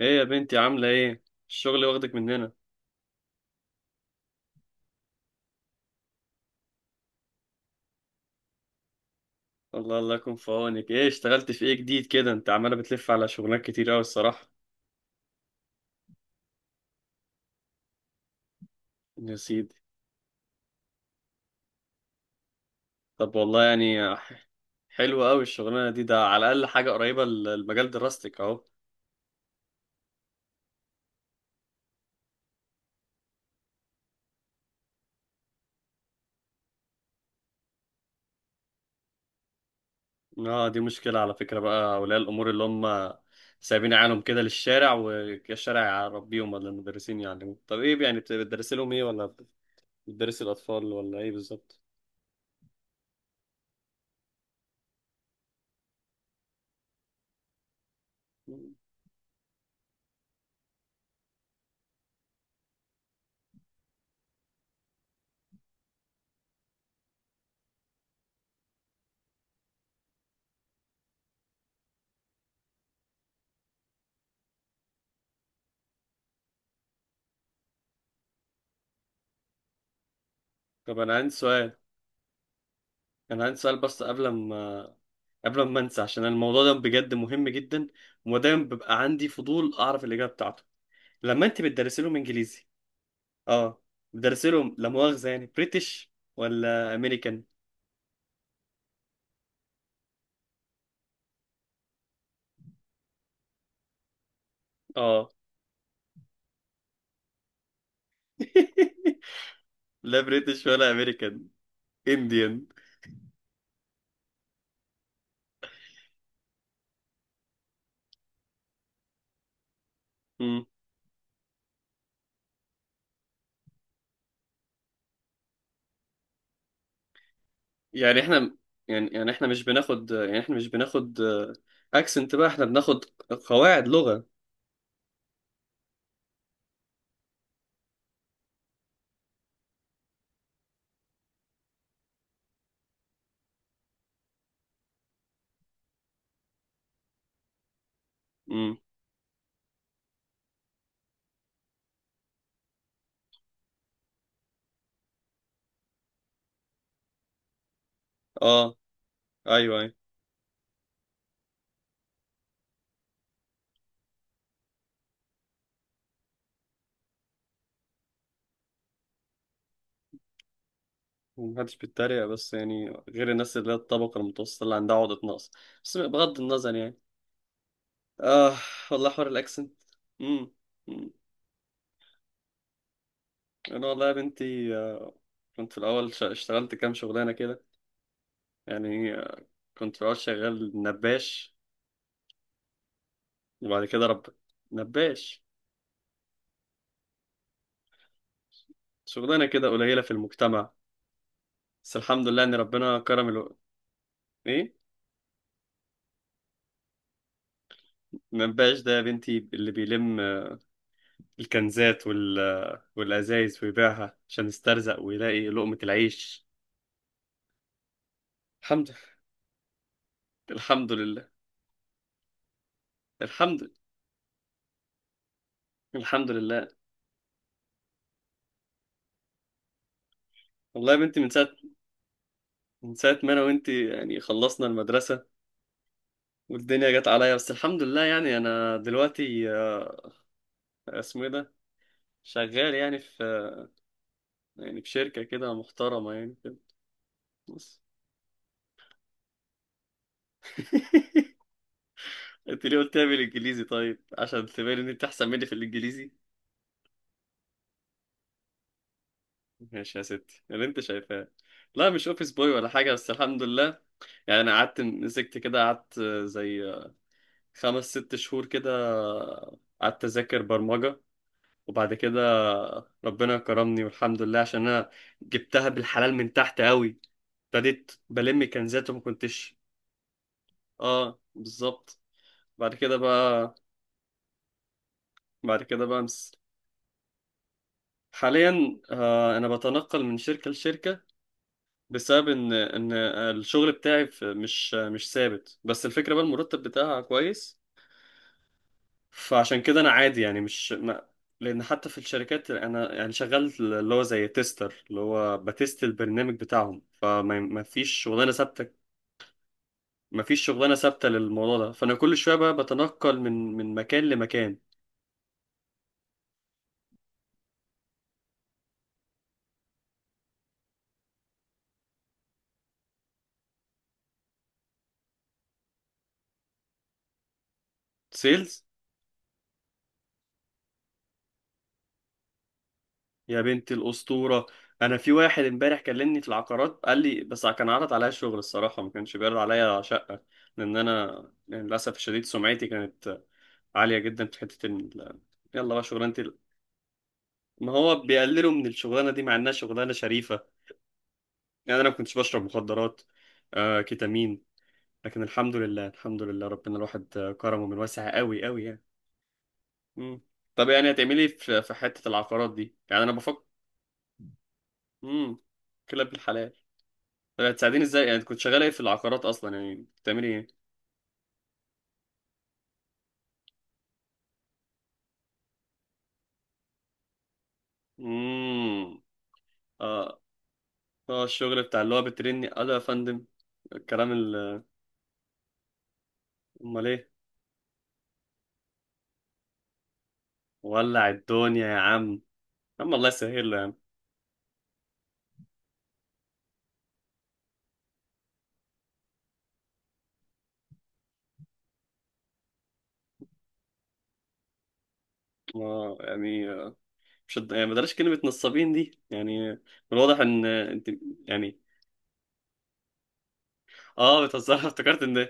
ايه يا بنتي، عاملة ايه؟ الشغل واخدك مننا. الله الله يكون في عونك. ايه اشتغلت في ايه جديد كده؟ انت عمالة بتلف على شغلانات كتير اوي الصراحة. يا سيدي. طب والله يعني حلوة اوي الشغلانة دي، ده على الأقل حاجة قريبة لمجال دراستك اهو. اه، دي مشكلة على فكرة بقى أولياء الأمور، اللي هم سايبين عيالهم كده للشارع والشارع يربيهم، ولا المدرسين يعلموهم؟ طب ايه يعني، بتدرسي لهم ايه، ولا بتدرسي الأطفال، ولا ايه بالظبط؟ طب أنا عندي سؤال. أنا عندي سؤال بس، قبل ما انسى، عشان الموضوع ده بجد مهم جدا ودايما ببقى عندي فضول اعرف الاجابه بتاعته، لما انت بتدرس لهم انجليزي. اه. بتدرس لهم لا مؤاخذه يعني بريتش ولا امريكان؟ اه. لا بريتش ولا امريكان، انديان. مم. يعني احنا يعني احنا مش بناخد اكسنت، بقى احنا بناخد قواعد لغه. امم اه، ايوه أيوه. ومحدش بيتريق بس يعني غير الناس اللي هي الطبقة المتوسطة اللي عندها عقدة نقص. بس بغض النظر يعني. آه، والله حوار الأكسنت. أمم. أمم. أنا والله يا بنتي، كنت في الأول اشتغلت كام شغلانة كده. يعني كنت في الأول شغال نباش. وبعد كده نباش، شغلانة كده قليلة في المجتمع. بس الحمد لله إن ربنا كرم إيه؟ نباش ده يا بنتي اللي بيلم الكنزات والأزايز ويبيعها عشان يسترزق ويلاقي لقمة العيش. الحمد لله. الحمد لله. الحمد لله. الحمد لله. والله يا بنتي، من ساعة ما أنا وأنت يعني خلصنا المدرسة والدنيا جت عليا. بس الحمد لله، يعني أنا دلوقتي، اسمه إيه ده، شغال يعني في شركة كده محترمة يعني كده. بص. أنت ليه قلت لي بالإنجليزي؟ طيب عشان تبين إن أنت أحسن مني في الإنجليزي. ماشي يا ستي اللي أنت شايفاه. لا مش أوفيس بوي ولا حاجة، بس الحمد لله. يعني انا قعدت مسكت كده، قعدت زي خمس ست شهور كده قعدت اذاكر برمجة. وبعد كده ربنا كرمني والحمد لله، عشان انا جبتها بالحلال من تحت قوي. ابتديت بلم كنزات وما كنتش. اه بالظبط. بعد كده بقى بعد كده بقى حاليا آه انا بتنقل من شركة لشركة، بسبب ان الشغل بتاعي مش ثابت. بس الفكرة بقى المرتب بتاعها كويس، فعشان كده انا عادي، يعني مش ما... لان حتى في الشركات انا يعني شغال اللي هو زي تيستر، اللي هو بتست البرنامج بتاعهم، فما ما فيش شغلانه ثابته. ما فيش شغلانه ثابته للموضوع ده، فانا كل شويه بقى بتنقل من مكان لمكان. سيلز. يا بنت الاسطوره، انا في واحد امبارح كلمني في العقارات قال لي، بس كان عرض عليا شغل الصراحه، ما كانش بيعرض عليا شقه، لان انا يعني للاسف الشديد سمعتي كانت عاليه جدا في حته يلا بقى شغلانتي. ما هو بيقللوا من الشغلانه دي مع انها شغلانه شريفه، يعني انا ما كنتش بشرب مخدرات، كيتامين. لكن الحمد لله، الحمد لله، ربنا الواحد كرمه من واسع قوي قوي يعني. مم. طب يعني هتعملي إيه في حته العقارات دي؟ يعني انا بفكر. امم كلاب الحلال. طب هتساعديني ازاي؟ يعني كنت شغاله ايه في العقارات اصلا؟ يعني بتعملي ايه؟ امم اه. اه، الشغل بتاع اللي هو بترني: الو يا فندم، الكلام امال ايه؟ ولع الدنيا يا عم. يا عم الله يسهل له يا عم. يعني مش يعني بلاش كلمة نصابين دي، يعني من الواضح ان انت يعني. اه، بتهزر.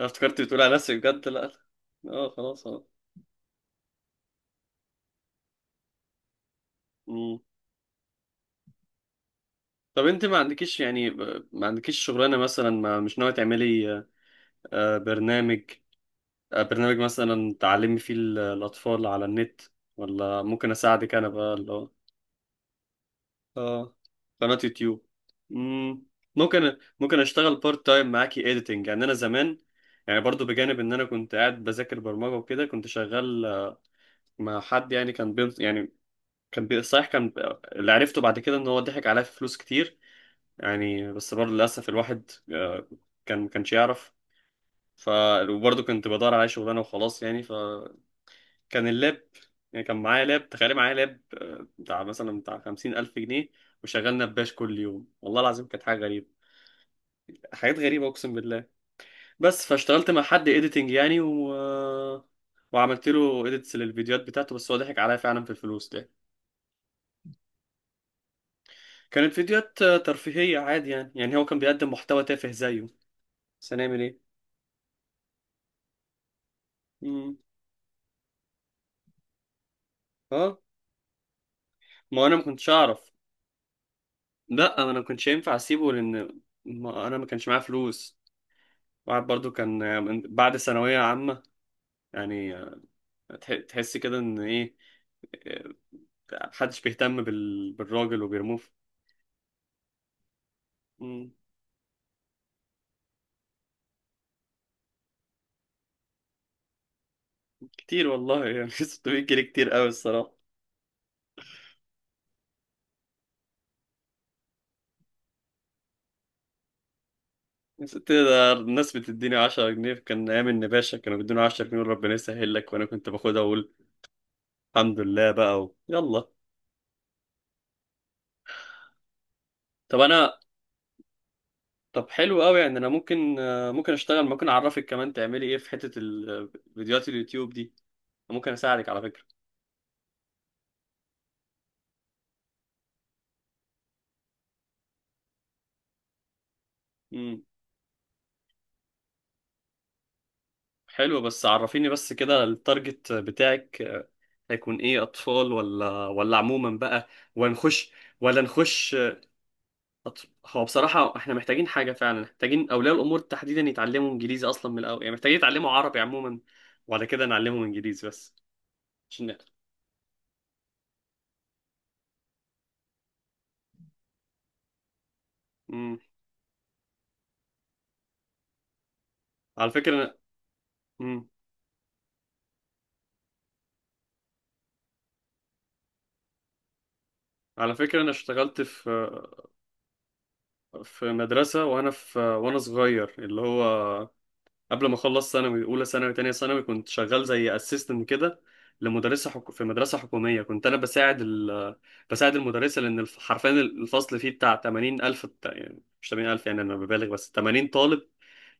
افتكرت بتقول على نفسك بجد. لا لا. اه خلاص اه. مم. طب انت ما عندكيش شغلانة مثلا؟ ما مش ناوية تعملي آه، برنامج برنامج مثلا تعلمي فيه الأطفال على النت، ولا ممكن أساعدك أنا بقى؟ اه، قناة يوتيوب. مم. ممكن اشتغل بارت تايم معاكي اديتنج. يعني انا زمان، يعني برضو بجانب ان انا كنت قاعد بذاكر برمجة وكده، كنت شغال مع حد، يعني صحيح، كان اللي عرفته بعد كده ان هو ضحك عليا في فلوس كتير. يعني بس برضه للاسف، الواحد ما كانش يعرف. ف وبرضه كنت بدور على شغلانه وخلاص. يعني ف كان اللاب، يعني كان معايا لاب، تخيل معايا لاب بتاع خمسين ألف جنيه، وشغلنا بباش كل يوم، والله العظيم كانت حاجة غريبة، حاجات غريبة أقسم بالله. بس فاشتغلت مع حد إيديتنج يعني و... آه، وعملت له إيديتس للفيديوهات بتاعته، بس هو ضحك عليا فعلا في الفلوس ده. كانت فيديوهات ترفيهية عادي، يعني هو كان بيقدم محتوى تافه زيه، بس هنعمل إيه؟ مم. أه، ما أنا ما كنتش أعرف. لا، أنا ما كنتش ينفع أسيبه، لأن ما أنا ما كانش معايا فلوس. واحد برضو كان من بعد ثانوية عامة، يعني تحس كده ان ايه، آه، محدش بيهتم بالراجل وبيرموه مم. كتير والله يعني. 600 جنيه كتير قوي الصراحة. ده الناس بتديني 10 جنيه، كان أيام النباشا كانوا بيدوني 10 جنيه ربنا يسهل لك، وأنا كنت باخدها وأقول الحمد لله بقى يلا. طب أنا طب حلو قوي. يعني أنا ممكن، أشتغل، ممكن أعرفك كمان تعملي إيه في حتة فيديوهات اليوتيوب دي، ممكن أساعدك على فكرة. مم. حلو، بس عرفيني بس كده التارجت بتاعك هيكون ايه؟ اطفال، ولا عموما بقى؟ ونخش ولا نخش هو بصراحة احنا محتاجين حاجة، فعلا محتاجين اولياء الامور تحديدا يتعلموا انجليزي اصلا من الاول، يعني محتاجين يتعلموا عربي عموما وبعد كده نعلمهم انجليزي بس، عشان نقدر. امم على فكرة أنا. امم على فكرة انا اشتغلت في مدرسة، وانا صغير، اللي هو قبل ما اخلص ثانوي، اولى ثانوي تانية ثانوي، كنت شغال زي اسيستنت كده لمدرسه في مدرسه حكوميه. كنت انا بساعد بساعد المدرسه، لان حرفيا الفصل فيه بتاع 80000 الف، يعني مش 80000، يعني انا ببالغ، بس 80 طالب،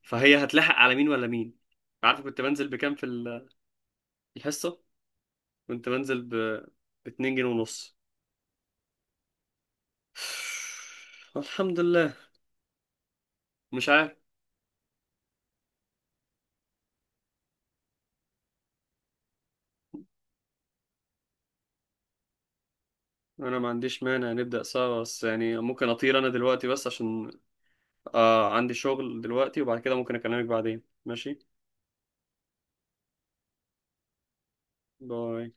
فهي هتلحق على مين ولا مين؟ عارف كنت بنزل بكام في الحصه؟ كنت بنزل ب 2 جنيه ونص. الحمد لله. مش عارف. انا ما عنديش مانع نبدا سوا، بس يعني ممكن اطير انا دلوقتي بس، عشان عندي شغل دلوقتي. وبعد كده ممكن أكلمك بعدين. ماشي. باي.